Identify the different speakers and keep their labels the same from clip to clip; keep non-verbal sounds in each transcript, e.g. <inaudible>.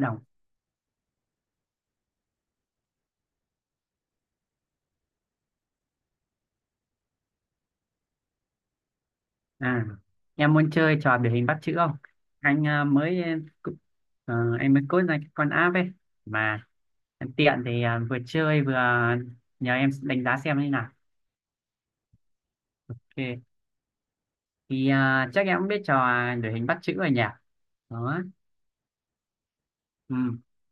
Speaker 1: đồng. à em muốn chơi trò biểu hình bắt chữ không anh? Em mới code ra cái con app ấy mà em tiện thì, vừa chơi vừa, nhờ em đánh giá xem như nào. Ok, thì chắc em cũng biết trò biểu hình bắt chữ rồi nhỉ. Đó. Ừ.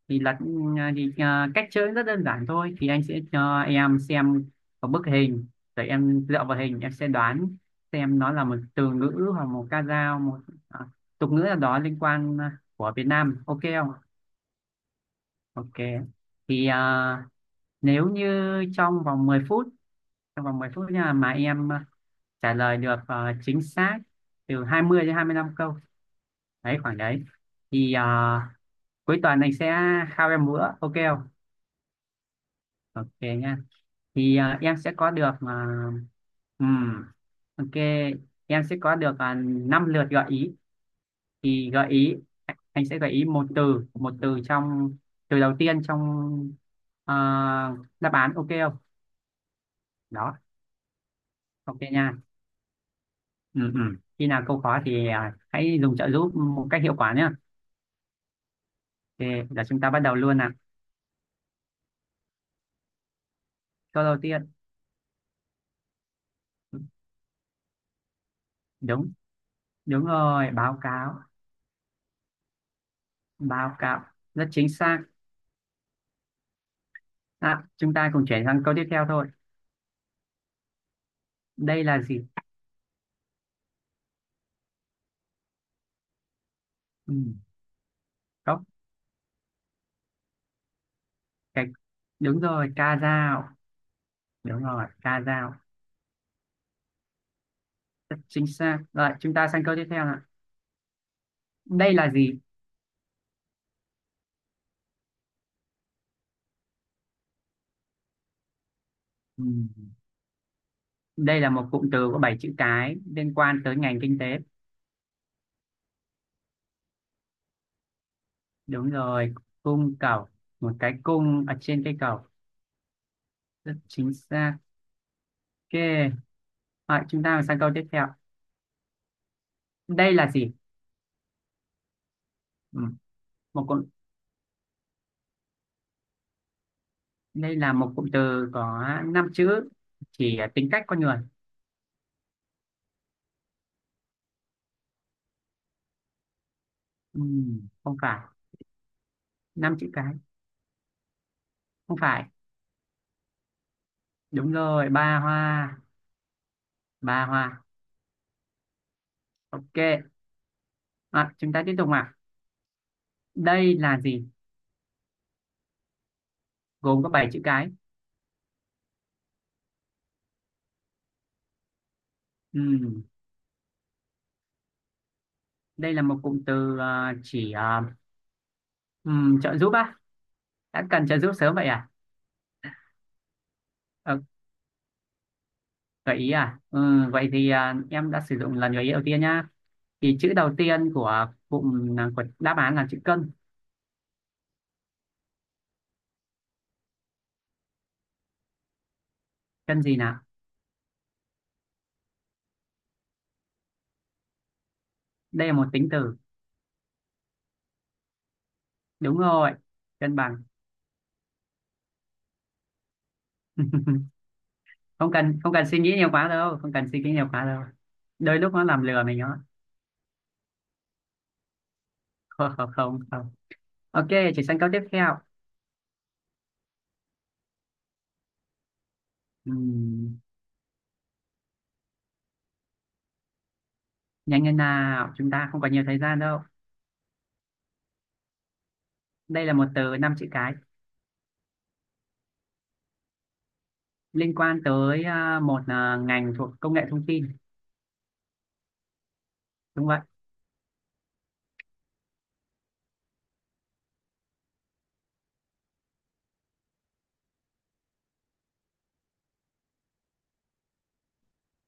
Speaker 1: Thì là, cách chơi rất đơn giản thôi, thì anh sẽ cho em xem một bức hình, rồi em dựa vào hình em sẽ đoán xem nó là một từ ngữ hoặc một ca dao, một à, tục ngữ nào đó liên quan, của Việt Nam. Ok không? Ok. Thì nếu như trong vòng 10 phút, nha, mà em trả lời được, chính xác từ 20 đến 25 câu đấy, khoảng đấy, thì cuối tuần anh sẽ khao em bữa. Ok không? Ok nha. Thì em sẽ có được, ừm, ok, em sẽ có được, 5 lượt gợi ý. Thì gợi ý, anh sẽ gợi ý một từ trong, từ đầu tiên trong à, đáp án. Ok không? Đó, ok nha. ừ, ừ. Khi nào câu khó thì hãy dùng trợ giúp một cách hiệu quả nhé. Thì để chúng ta bắt đầu luôn nào. Câu đầu tiên. Đúng, đúng rồi, báo cáo, báo cáo, rất chính xác. Chúng ta cùng chuyển sang câu tiếp theo thôi. Đây là gì? Ừ. Có. Cái, đúng rồi, ca dao. Đúng rồi, ca dao. Rất chính xác. Rồi, chúng ta sang câu tiếp theo ạ. Đây là gì? Ừm, Đây là một cụm từ có 7 chữ cái liên quan tới ngành kinh tế. Đúng rồi, cung cầu. Một cái cung ở trên cây cầu. Rất chính xác. Ok. Rồi, chúng ta sang câu tiếp theo. Đây là gì? Ừm, Một cụm, đây là một cụm từ có 5 chữ chỉ tính cách con người. Không phải. Năm chữ cái. Không phải. Đúng rồi, ba hoa. Ba hoa. Ok, chúng ta tiếp tục ạ. Đây là gì? Gồm có 7 chữ cái. Ừm, Đây là một cụm từ chỉ trợ giúp á. Đã cần trợ giúp sớm vậy à? Ờ, gợi ý à? Ừ, vậy thì em đã sử dụng lần gợi ý đầu tiên nhá. Thì chữ đầu tiên của cụm, của đáp án là chữ cân. Cân gì nào? Đây là một tính từ. Đúng rồi, cân bằng. <laughs> Không cần, không cần suy nghĩ nhiều quá đâu, không cần suy nghĩ nhiều quá đâu. Đôi lúc nó làm lừa mình đó. Không, không, không. Ok, chuyển sang câu tiếp theo. Ừm, nhanh lên nào, chúng ta không có nhiều thời gian đâu. Đây là một từ năm chữ cái liên quan tới một ngành thuộc công nghệ thông tin. Đúng vậy.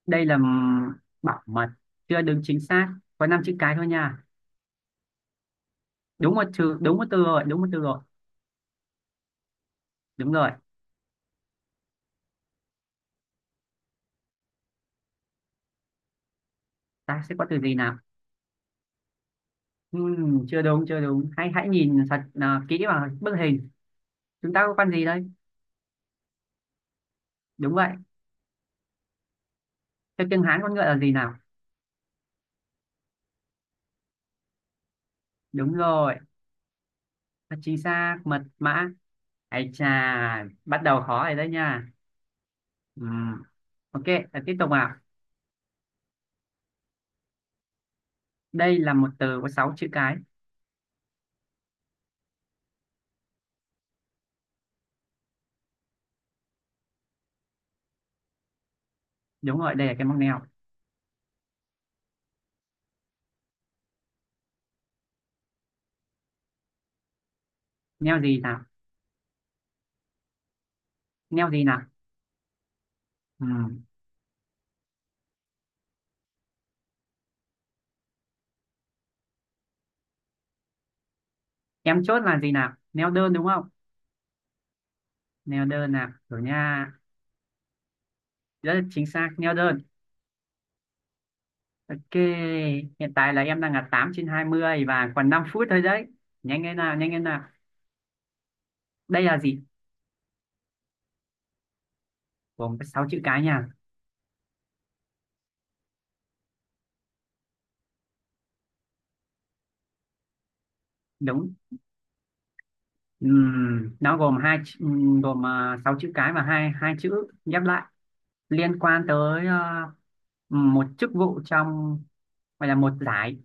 Speaker 1: Đây là bảo mật, chưa đứng chính xác. Có năm chữ cái thôi nha. Đúng một chữ, đúng một từ rồi, đúng một từ rồi. Đúng rồi. Ta sẽ có từ gì nào? Chưa đúng, chưa đúng, hãy hãy nhìn thật kỹ vào bức hình. Chúng ta có con gì đây? Đúng vậy. Theo tiếng Hán con ngựa là gì nào? Đúng rồi, thật chính xác, mật mã. Ấy chà, bắt đầu khó rồi đấy nha. Ừ. Ok, là tiếp tục. Đây là một từ có 6 chữ cái. Đúng rồi, đây là cái móc neo. Neo gì nào? Neo gì nào? Ừ. Em chốt là gì nào? Neo đơn đúng không? Neo đơn nào? Rồi nha. Rất là chính xác, neo đơn. Ok, hiện tại là em đang là 8 trên 20 và còn 5 phút thôi đấy. Nhanh lên nào, nhanh lên nào. Đây là gì? Gồm có 6 chữ cái nha. Đúng. Nó gồm 6 chữ cái và hai hai chữ ghép lại. Liên quan tới ờ, một chức vụ trong, gọi là một giải,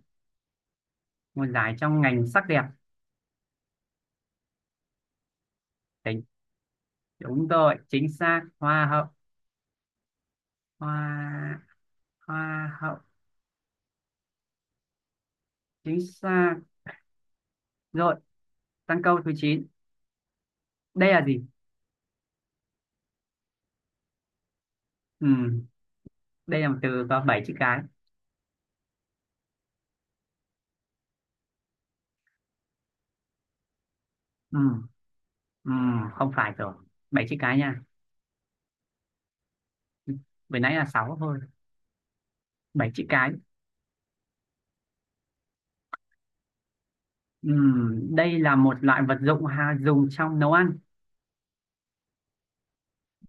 Speaker 1: một giải trong ngành sắc đẹp. Đấy, đúng rồi, chính xác, hoa hậu. Hoa, hoa hậu, chính xác. Rồi sang câu thứ chín. Đây là gì? Ừ, đây là một từ có 7 chữ cái. ừ, ừ, không phải rồi. Bảy chữ cái nha, vừa nãy là 6 thôi. Bảy chữ cái. Ừ, đây là một loại vật dụng ha, dùng trong nấu ăn.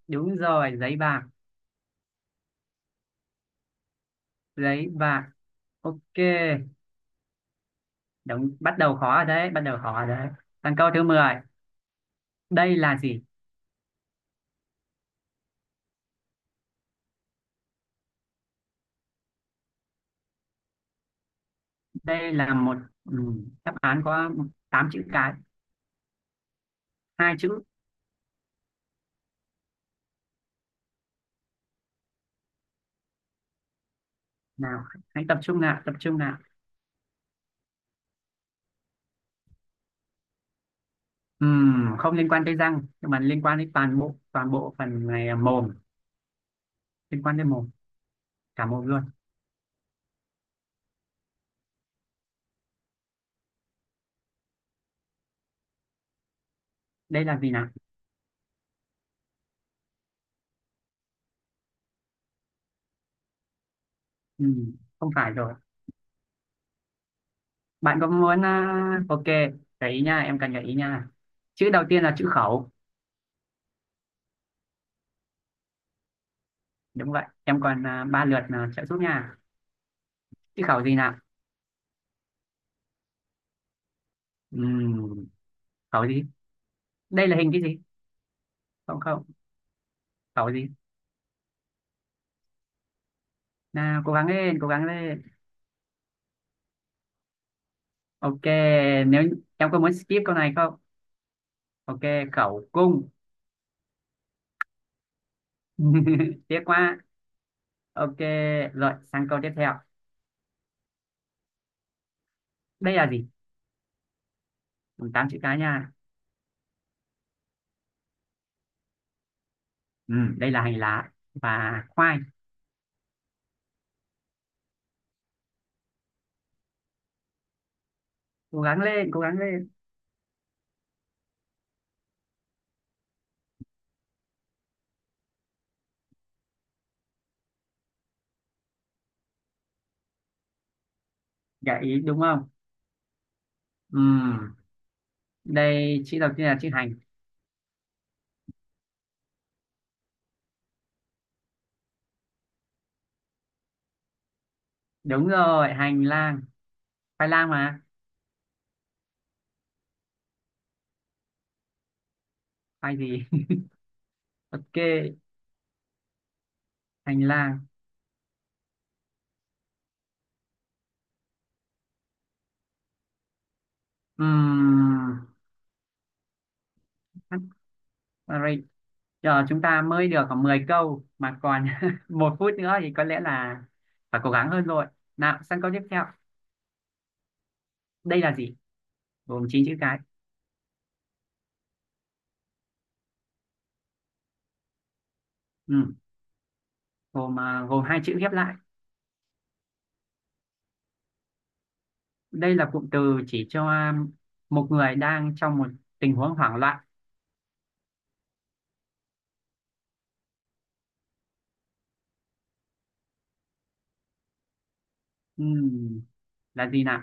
Speaker 1: Đúng rồi, giấy bạc, giấy bạc. Ok. Đúng, bắt đầu khó rồi đấy, bắt đầu khó rồi đấy. Còn câu thứ mười, đây là gì? Đây là một, ừ, đáp án có 8 chữ cái, hai chữ nào. Hãy tập trung nào, tập trung nào. Không liên quan tới răng, nhưng mà liên quan đến toàn bộ phần này là mồm, liên quan đến mồm, cả mồm luôn. Đây là gì nào? Không phải rồi. Bạn có muốn, ok, gợi ý nha, em cần gợi ý nha. Chữ đầu tiên là chữ khẩu, đúng vậy. Em còn ba lượt trợ giúp nha. Chữ khẩu gì nào? Ừm, khẩu gì? Đây là hình cái gì? Không, không. Khẩu gì nào? Cố gắng lên, cố gắng lên. Ok, nếu em có muốn skip câu này không? Ok, khẩu cung. <laughs> Tiếc quá. Ok, rồi sang câu tiếp theo. Đây là gì? Tám chữ cái nha. Ừ, đây là hành lá và khoai. Cố gắng lên, cố gắng lên. Gợi ý đúng không? Ừ, đây chữ đầu tiên là chữ hành. Đúng rồi, hành lang. Khoai lang mà. Khoai gì? <laughs> Ok, hành lang. Ừ, giờ chúng ta mới được khoảng 10 câu mà còn <laughs> một phút nữa thì có lẽ là phải cố gắng hơn rồi. Nào, sang câu tiếp theo. Đây là gì? Gồm 9 chữ cái. Ừ, gồm, gồm hai chữ ghép lại. Đây là cụm từ chỉ cho một người đang trong một tình huống hoảng loạn. Ừ, là gì nào?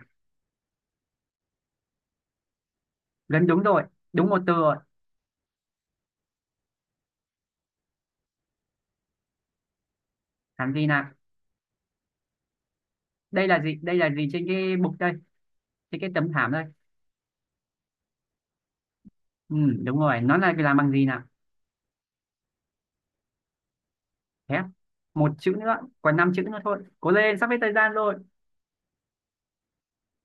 Speaker 1: Gần đúng rồi, đúng một từ rồi. Làm gì nào? Đây là gì? Đây là gì trên cái bục đây, trên cái tấm thảm đây. Ừ, đúng rồi, nó là làm bằng gì nào? Thép. Một chữ nữa, còn năm chữ nữa thôi. Cố lên, sắp hết thời gian rồi.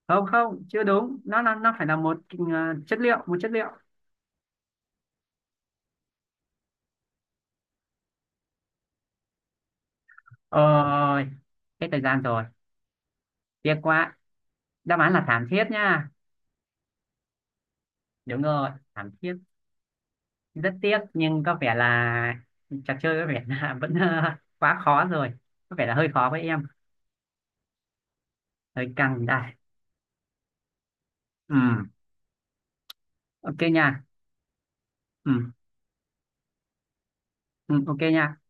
Speaker 1: Không, không, chưa đúng, nó phải là một ờ, chất liệu, một chất liệu. Ôi, hết thời gian rồi. Tiếc quá. Đáp án là thảm thiết nha. Đúng rồi, thảm thiết. Rất tiếc nhưng có vẻ là trò chơi có vẻ là <laughs> vẫn ờ, quá khó rồi. Có vẻ là hơi khó với em. Hơi căng đây. Ừ, ok nha. Ừ, ừ, ok nha.